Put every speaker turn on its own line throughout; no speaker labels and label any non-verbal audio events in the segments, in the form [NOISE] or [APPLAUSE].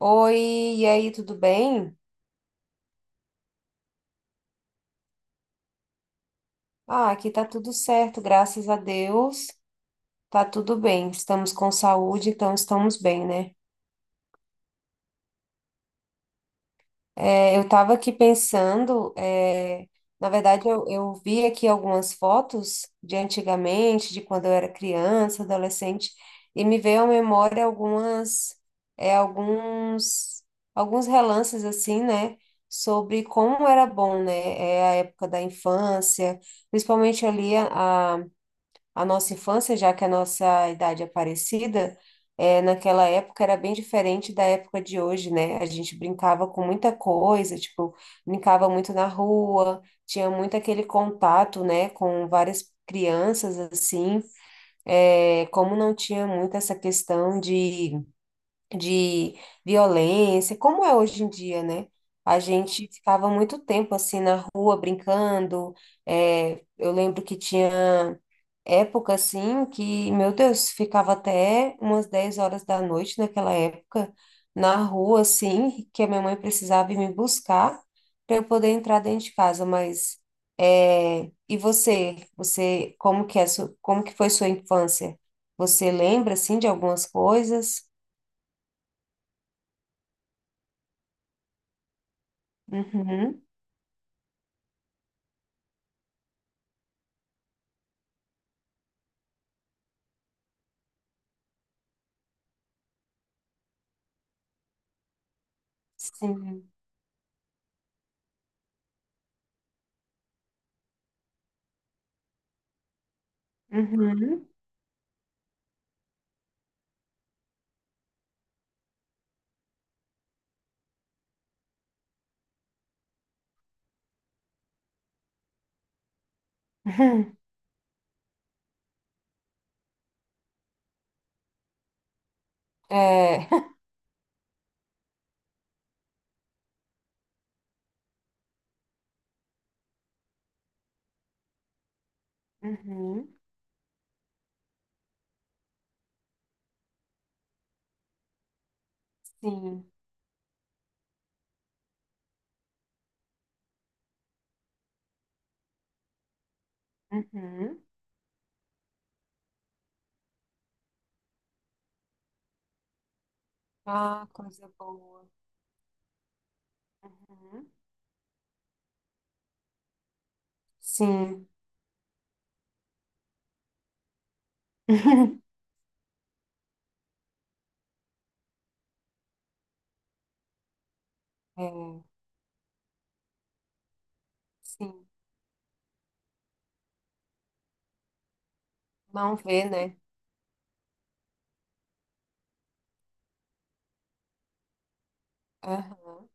Oi, e aí, tudo bem? Ah, aqui tá tudo certo, graças a Deus. Tá tudo bem, estamos com saúde, então estamos bem, né? Eu tava aqui pensando, na verdade, eu vi aqui algumas fotos de antigamente, de quando eu era criança, adolescente, e me veio à memória é, alguns, alguns relances, assim, né? Sobre como era bom, né? A época da infância, principalmente ali a nossa infância, já que a nossa idade é parecida, é, naquela época era bem diferente da época de hoje, né? A gente brincava com muita coisa, tipo, brincava muito na rua, tinha muito aquele contato, né, com várias crianças, assim. É, como não tinha muito essa questão de violência, como é hoje em dia, né? A gente ficava muito tempo assim na rua brincando. Eu lembro que tinha época assim que, meu Deus, ficava até umas 10 horas da noite naquela época na rua assim, que a minha mãe precisava ir me buscar para eu poder entrar dentro de casa, mas é, e você como que como que foi sua infância? Você lembra assim de algumas coisas? Uhum. Sim. Uhum. [LAUGHS] Uhum. É. Uhum. Sim. Uhum. Ah, coisa boa. Uhum. Sim. [LAUGHS] É, sim, não vê, né? Aham,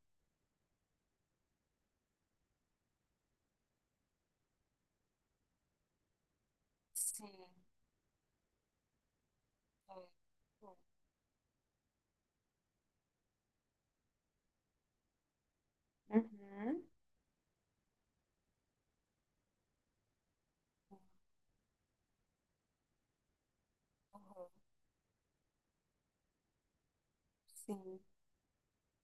sim. É, bom, uhum, aham, sim.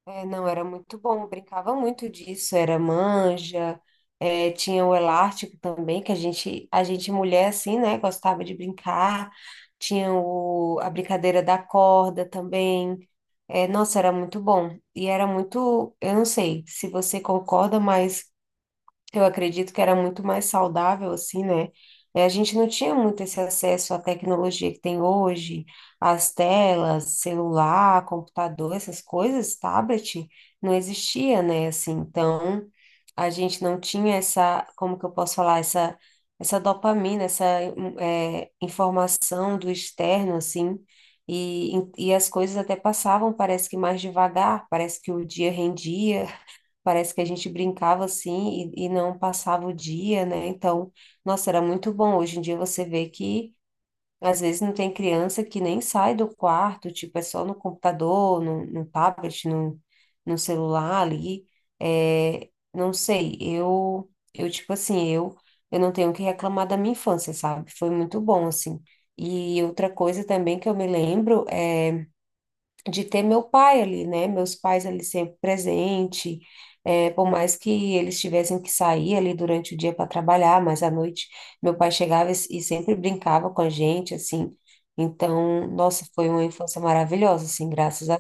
É, não, era muito bom, eu brincava muito disso, era manja, é, tinha o elástico também, que a gente mulher, assim, né, gostava de brincar, tinha a brincadeira da corda também, é, nossa, era muito bom, e era muito, eu não sei se você concorda, mas. Eu acredito que era muito mais saudável, assim, né? A gente não tinha muito esse acesso à tecnologia que tem hoje, às telas, celular, computador, essas coisas, tablet, não existia, né? Assim, então, a gente não tinha como que eu posso falar, essa dopamina, informação do externo, assim, e as coisas até passavam, parece que mais devagar, parece que o dia rendia. Parece que a gente brincava assim e não passava o dia, né? Então, nossa, era muito bom. Hoje em dia você vê que às vezes não tem criança que nem sai do quarto, tipo, é só no computador, no tablet, no celular ali. É, não sei, eu tipo assim, eu não tenho o que reclamar da minha infância, sabe? Foi muito bom, assim. E outra coisa também que eu me lembro de ter meu pai ali, né? Meus pais ali sempre presente, é, por mais que eles tivessem que sair ali durante o dia para trabalhar, mas à noite meu pai chegava e sempre brincava com a gente, assim. Então, nossa, foi uma infância maravilhosa, assim, graças a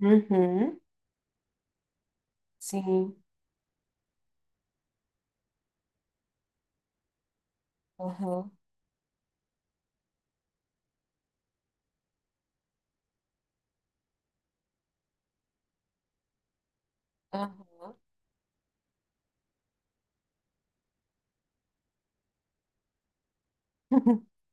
uhum, sim, uhum, uhum. [LAUGHS]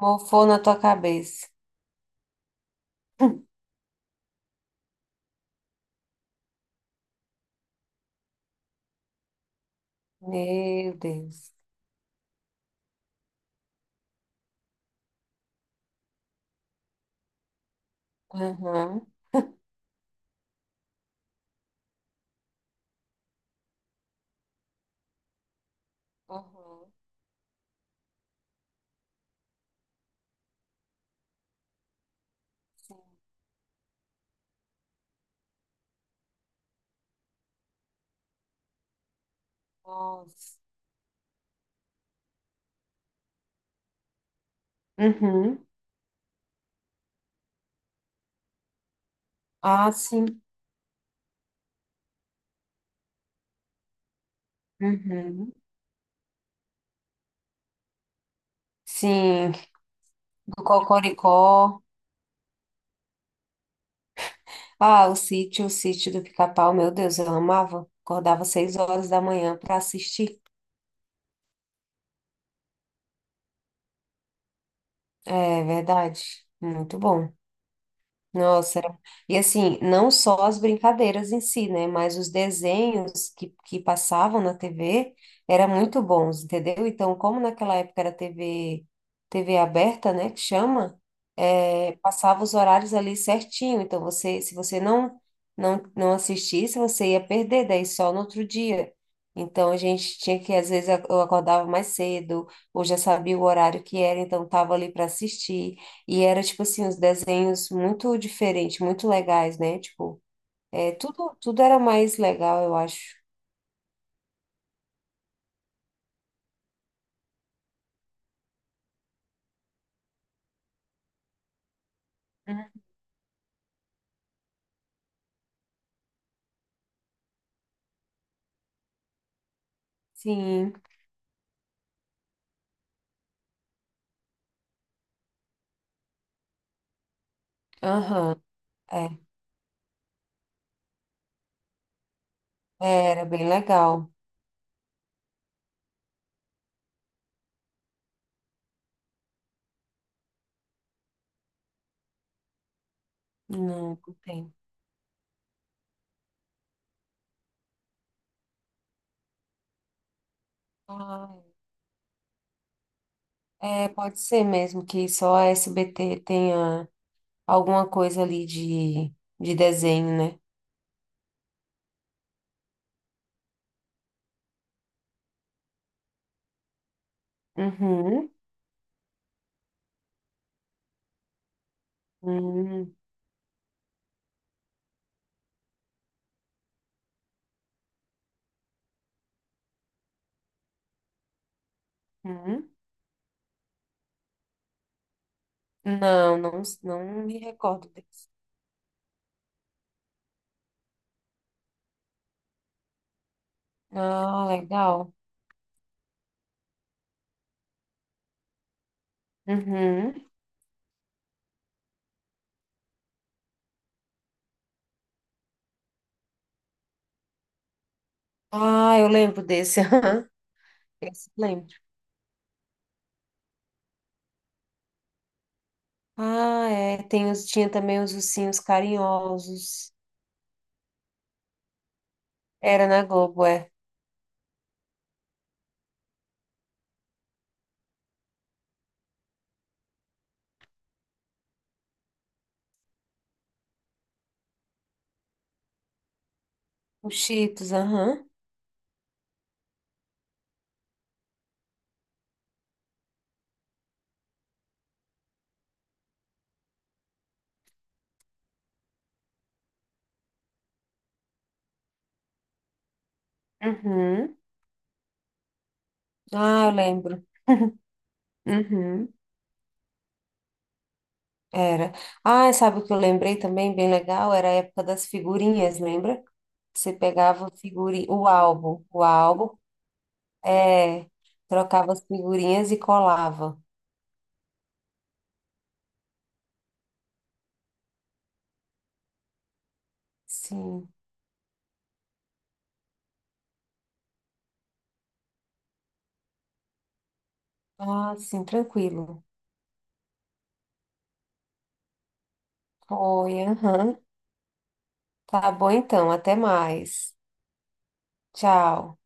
Mofou na tua cabeça. [LAUGHS] Meu Deus. Uhum, uhum, sim, nossa. Uhum. Ah, sim. Uhum. Sim. Do Cocoricó. Ah, o sítio, do Pica-Pau, meu Deus, eu amava. Acordava seis horas da manhã para assistir. É verdade. Muito bom. Nossa, era, e assim, não só as brincadeiras em si, né, mas os desenhos que passavam na TV eram muito bons, entendeu? Então, como naquela época era TV aberta, né, que chama, é, passava os horários ali certinho, então se você não assistisse, você ia perder, daí só no outro dia. Então, a gente tinha que, às vezes, eu acordava mais cedo, ou já sabia o horário que era, então estava ali para assistir. E era, tipo assim, os desenhos muito diferentes, muito legais, né? Tipo, é, tudo era mais legal, eu acho. Uhum. Sim, aham, é, é, era bem legal. Não, não tem. Ah, é, pode ser mesmo que só a SBT tenha alguma coisa ali de desenho, né? Uhum, uhum, uhum. Não, não me recordo desse. Ah, legal. Uhum. Ah, eu lembro desse. [LAUGHS] Esse eu lembro. Ah, é. Tem os, tinha também os ursinhos carinhosos. Era na Globo, é. Os Cheetos, aham. Uhum. Ah, eu lembro. [LAUGHS] Uhum. Era. Ah, sabe o que eu lembrei também, bem legal? Era a época das figurinhas, lembra? Você pegava figurinha, o álbum, é, trocava as figurinhas e colava. Sim. Ah, sim, tranquilo. Foi, aham. Tá bom então, até mais. Tchau.